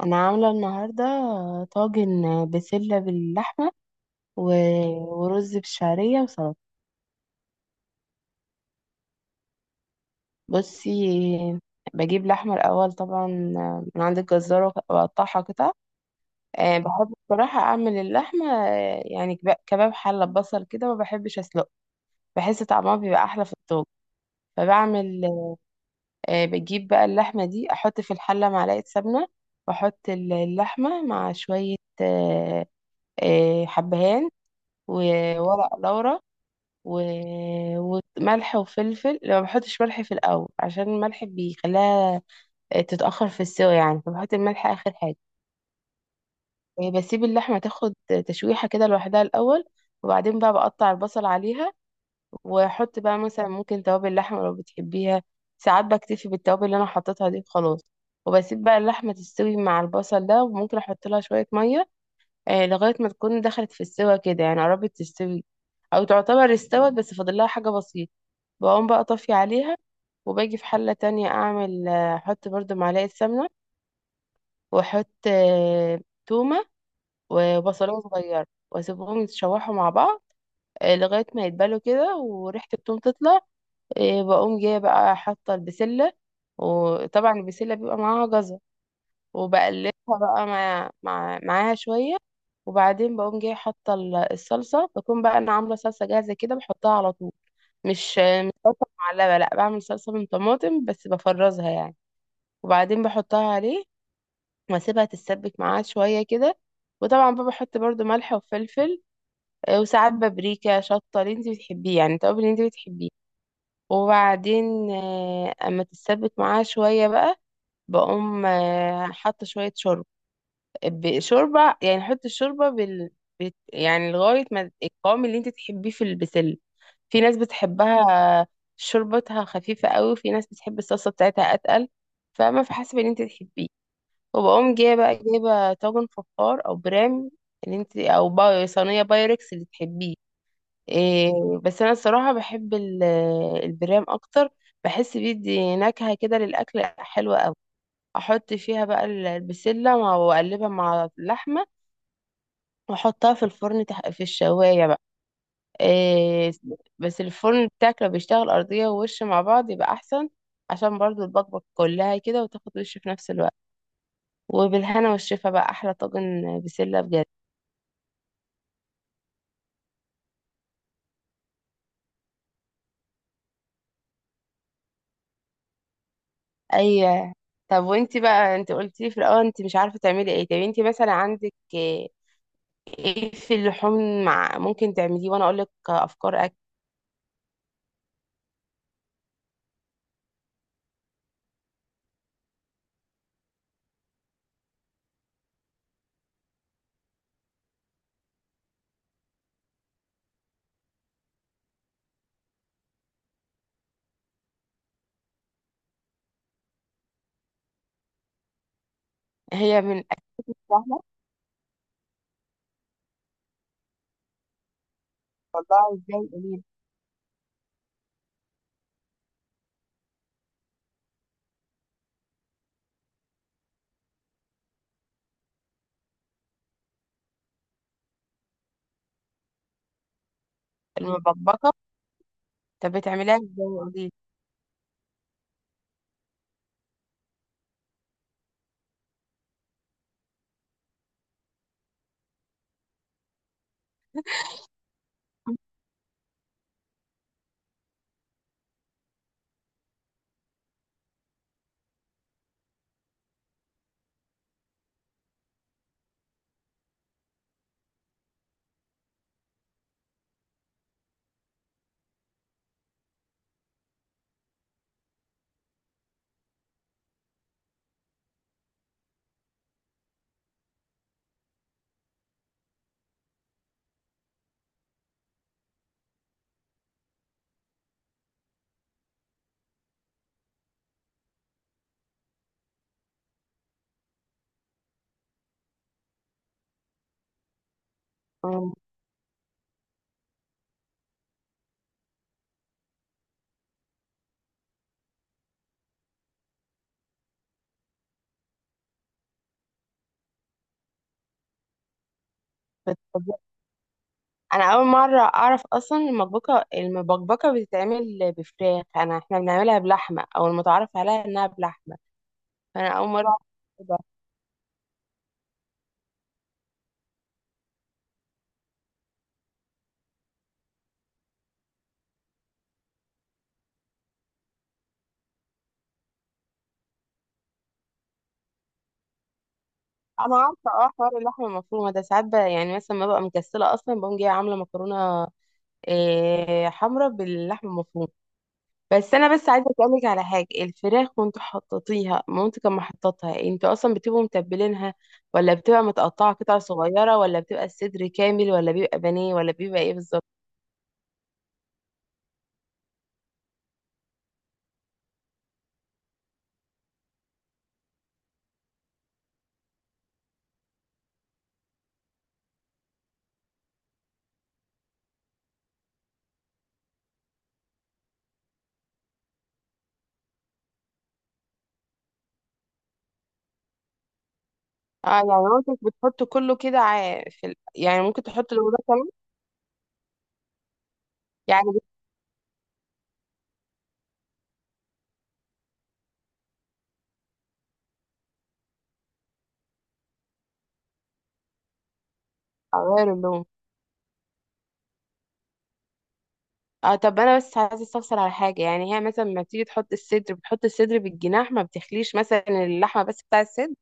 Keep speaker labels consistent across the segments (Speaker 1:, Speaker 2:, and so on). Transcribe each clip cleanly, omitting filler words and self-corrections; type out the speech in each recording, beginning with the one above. Speaker 1: انا عامله النهارده طاجن بسله باللحمه و- ورز بالشعريه وسلطه. بصي، بجيب لحمه الاول طبعا من عند الجزار واقطعها قطع. بحب بصراحه اعمل اللحمه يعني كباب حله ببصل كده، ما بحبش اسلقه، بحس طعمها بيبقى احلى في الطاجن. فبعمل بجيب بقى اللحمه دي، احط في الحله معلقه سمنه واحط اللحمه مع شويه أه آه، حبهان وورق لورا و... وملح وفلفل. لو ما بحطش ملح في الاول عشان الملح بيخليها تتاخر في السوا، يعني فبحط الملح اخر حاجه. بسيب اللحمه تاخد تشويحه كده لوحدها الاول، وبعدين بقى بقطع البصل عليها واحط بقى مثلا ممكن توابل لحمه لو بتحبيها. ساعات بكتفي بالتوابل اللي انا حطيتها دي خلاص، وبسيب بقى اللحمه تستوي مع البصل ده، وممكن احط لها شويه ميه لغاية ما تكون دخلت في السوا كده، يعني قربت تستوي أو تعتبر استوت بس فاضل لها حاجة بسيطة. بقوم بقى طافية عليها، وباجي في حلة تانية أعمل أحط برضو معلقة سمنة وأحط تومة وبصلة صغيرة وأسيبهم يتشوحوا مع بعض لغاية ما يتبلوا كده وريحة التوم تطلع. بقوم جاية بقى حاطة البسلة، وطبعا البسلة بيبقى معاها جزر، وبقلبها بقى مع معاها شوية. وبعدين بقوم جايه حاطة الصلصة، بكون بقى أنا عاملة صلصة جاهزة كده بحطها على طول. مش صلصة معلبة، لأ، بعمل صلصة من طماطم بس بفرزها يعني، وبعدين بحطها عليه وأسيبها تتسبك معاه شوية كده. وطبعا بقى بحط برضو ملح وفلفل وساعات بابريكا، شطة، اللي انت بتحبيه يعني، التوابل اللي انت بتحبيه. وبعدين أما تتسبك معاه شوية بقى بقوم حاطة شوية شوربة، بشوربة يعني حط الشوربة يعني لغاية ما القوام اللي انت تحبيه في البسلة. في ناس بتحبها شوربتها خفيفة قوي، وفي ناس بتحب الصلصة بتاعتها أتقل، فما في حسب اللي انت تحبيه. وبقوم جاية بقى جايبة طاجن فخار أو برام اللي انت أو صينية بايركس اللي تحبيه. إيه، بس أنا الصراحة بحب البرام أكتر، بحس بيدي نكهة كده للأكل حلوة أوي. أحط فيها بقى البسلة وأقلبها مع اللحمة واحطها في الفرن في الشواية بقى. إيه... بس الفرن بتاعك لو بيشتغل أرضية ووش مع بعض يبقى أحسن، عشان برضو البكبك كلها كده وتاخد وش في نفس الوقت. وبالهنا والشفا بقى، أحلى طاجن بسلة بجد. أي، طب وانتي بقى انت قلتي في الأول انت مش عارفة تعملي ايه؟ طب انتي مثلا عندك ايه؟ إيه في اللحوم مع ممكن تعمليه وأنا أقولك أفكار أكل. هي من أكل سهلة. والله ازاي؟ قوليلي. المبكبكة؟ طب بتعمليها ازاي؟ قوليلي، انا اول مره اعرف اصلا المبكبكه، بتتعمل بفراخ؟ انا احنا بنعملها بلحمه، او المتعارف عليها انها بلحمه، فانا اول مره اعرف كده. انا عارفه اه حوار اللحمه المفرومه ده ساعات يعني مثلا ما ببقى مكسله اصلا بقوم جايه عامله مكرونه إيه، حمراء باللحمه المفرومه. بس انا بس عايزه اسالك على حاجه، الفراخ وانتوا حطيتيها مامتك كان محططها، انتوا اصلا بتبقوا متبلينها ولا بتبقى متقطعه قطع صغيره، ولا بتبقى الصدر كامل، ولا بيبقى بانيه، ولا بيبقى ايه بالظبط؟ اه، يعني مامتك بتحط كله كده في يعني ممكن تحط له ده كمان؟ يعني بتغير اللون. اه، طب انا بس عايزه استفسر على حاجه، يعني هي مثلا لما تيجي تحط الصدر بتحط الصدر بالجناح، ما بتخليش مثلا اللحمه بس بتاع الصدر؟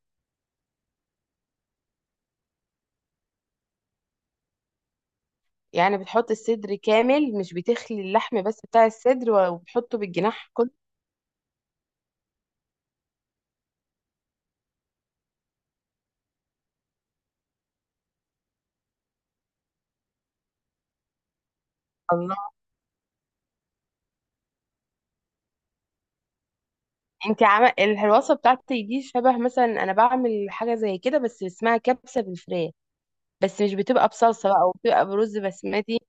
Speaker 1: يعني بتحط الصدر كامل، مش بتخلي اللحم بس بتاع الصدر وبتحطه بالجناح كله؟ الله، انت عمل الوصفه بتاعتي دي شبه، مثلا انا بعمل حاجه زي كده بس اسمها كبسه بالفراخ، بس مش بتبقى بصلصه بقى وبتبقى برز بسمتي.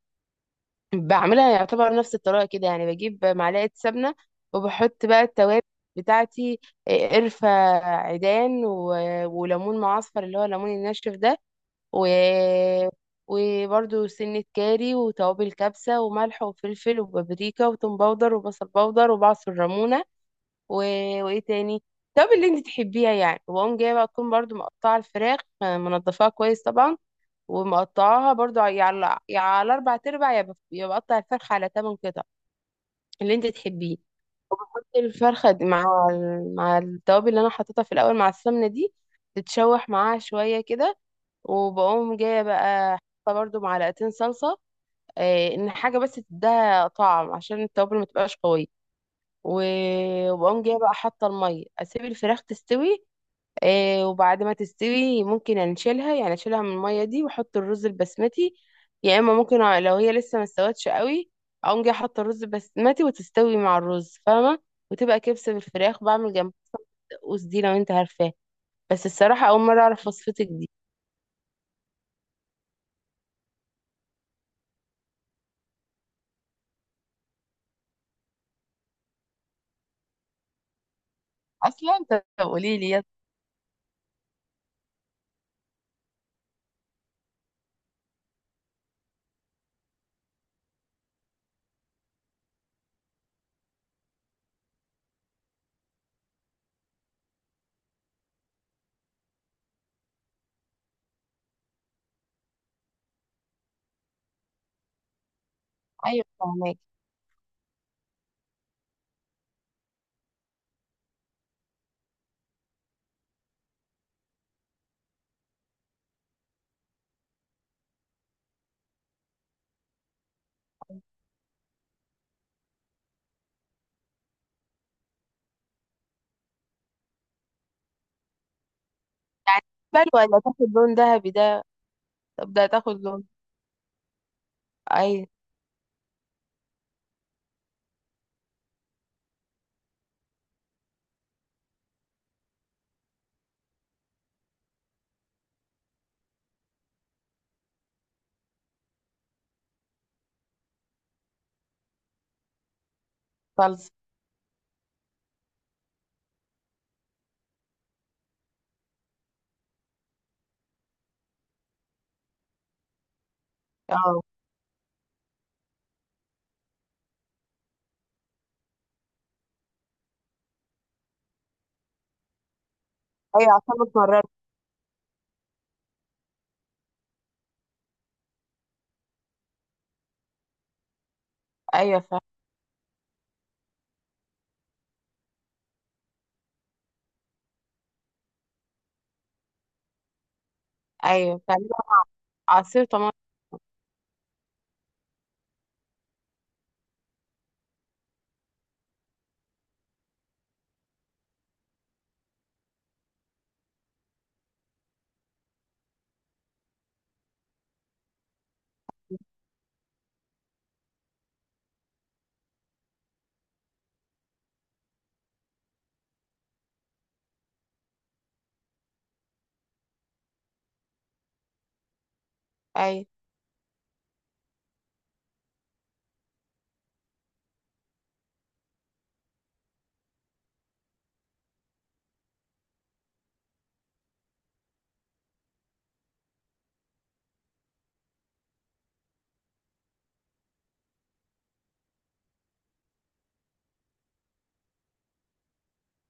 Speaker 1: بعملها يعتبر نفس الطريقة كده، يعني بجيب معلقة سمنة وبحط بقى التوابل بتاعتي، قرفة عيدان وليمون معصفر، اللي هو الليمون الناشف ده، و... وبرده سنة كاري وتوابل كبسة وملح وفلفل وبابريكا وتوم باودر وبصل باودر وبعصر ليمونة، و... وإيه تاني، التوابل اللي انت تحبيها يعني. وأقوم جاية بقى تكون برضو مقطعة الفراخ منضفاها كويس طبعا، ومقطعاها برضو يا على، يا على اربع تربع، يا يا بقطع الفرخه على تمن قطع، اللي انت تحبيه. وبحط الفرخه دي مع مع التوابل اللي انا حطيتها في الاول مع السمنه دي، تتشوح معاها شويه كده. وبقوم جايه بقى حاطه برضو معلقتين صلصه ان حاجه بس تديها طعم عشان التوابل ما تبقاش قويه. وبقوم جايه بقى حاطه الميه، اسيب الفراخ تستوي. آه، وبعد ما تستوي ممكن انشلها، يعني اشيلها من المية دي واحط الرز البسمتي، يا اما ممكن لو هي لسه ما استوتش قوي، اقوم جايه احط الرز البسمتي وتستوي مع الرز، فاهمة؟ وتبقى كبسة بالفراخ. بعمل جنب الدقوس دي، لو انت عارفاه. بس الصراحة اول مرة اعرف وصفتك دي. اصلا انت قولي لي، يلا. ايوه، فهماك. يعني ولا تاخد لون ذهبي ده تبدأ تاخد لون؟ اي. صلصة. اه، ايوه، عشان ما اتمررت. ايوه فا ايوه، بتعملها عصير طماطم. ايوه،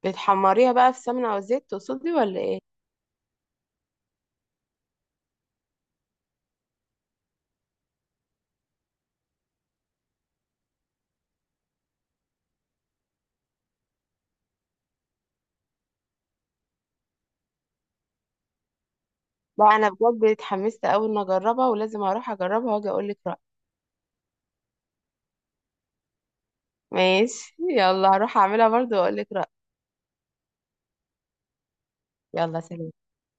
Speaker 1: بتحمريها بقى في سمنة او زيت تقصدي، ولا ايه؟ لا، انا بجد اتحمست اوي ان اجربها، ولازم اروح اجربها واجي اقول لك رأيي. ماشي، يلا، هروح اعملها برضو واقول لك رأيي. يلا سلام.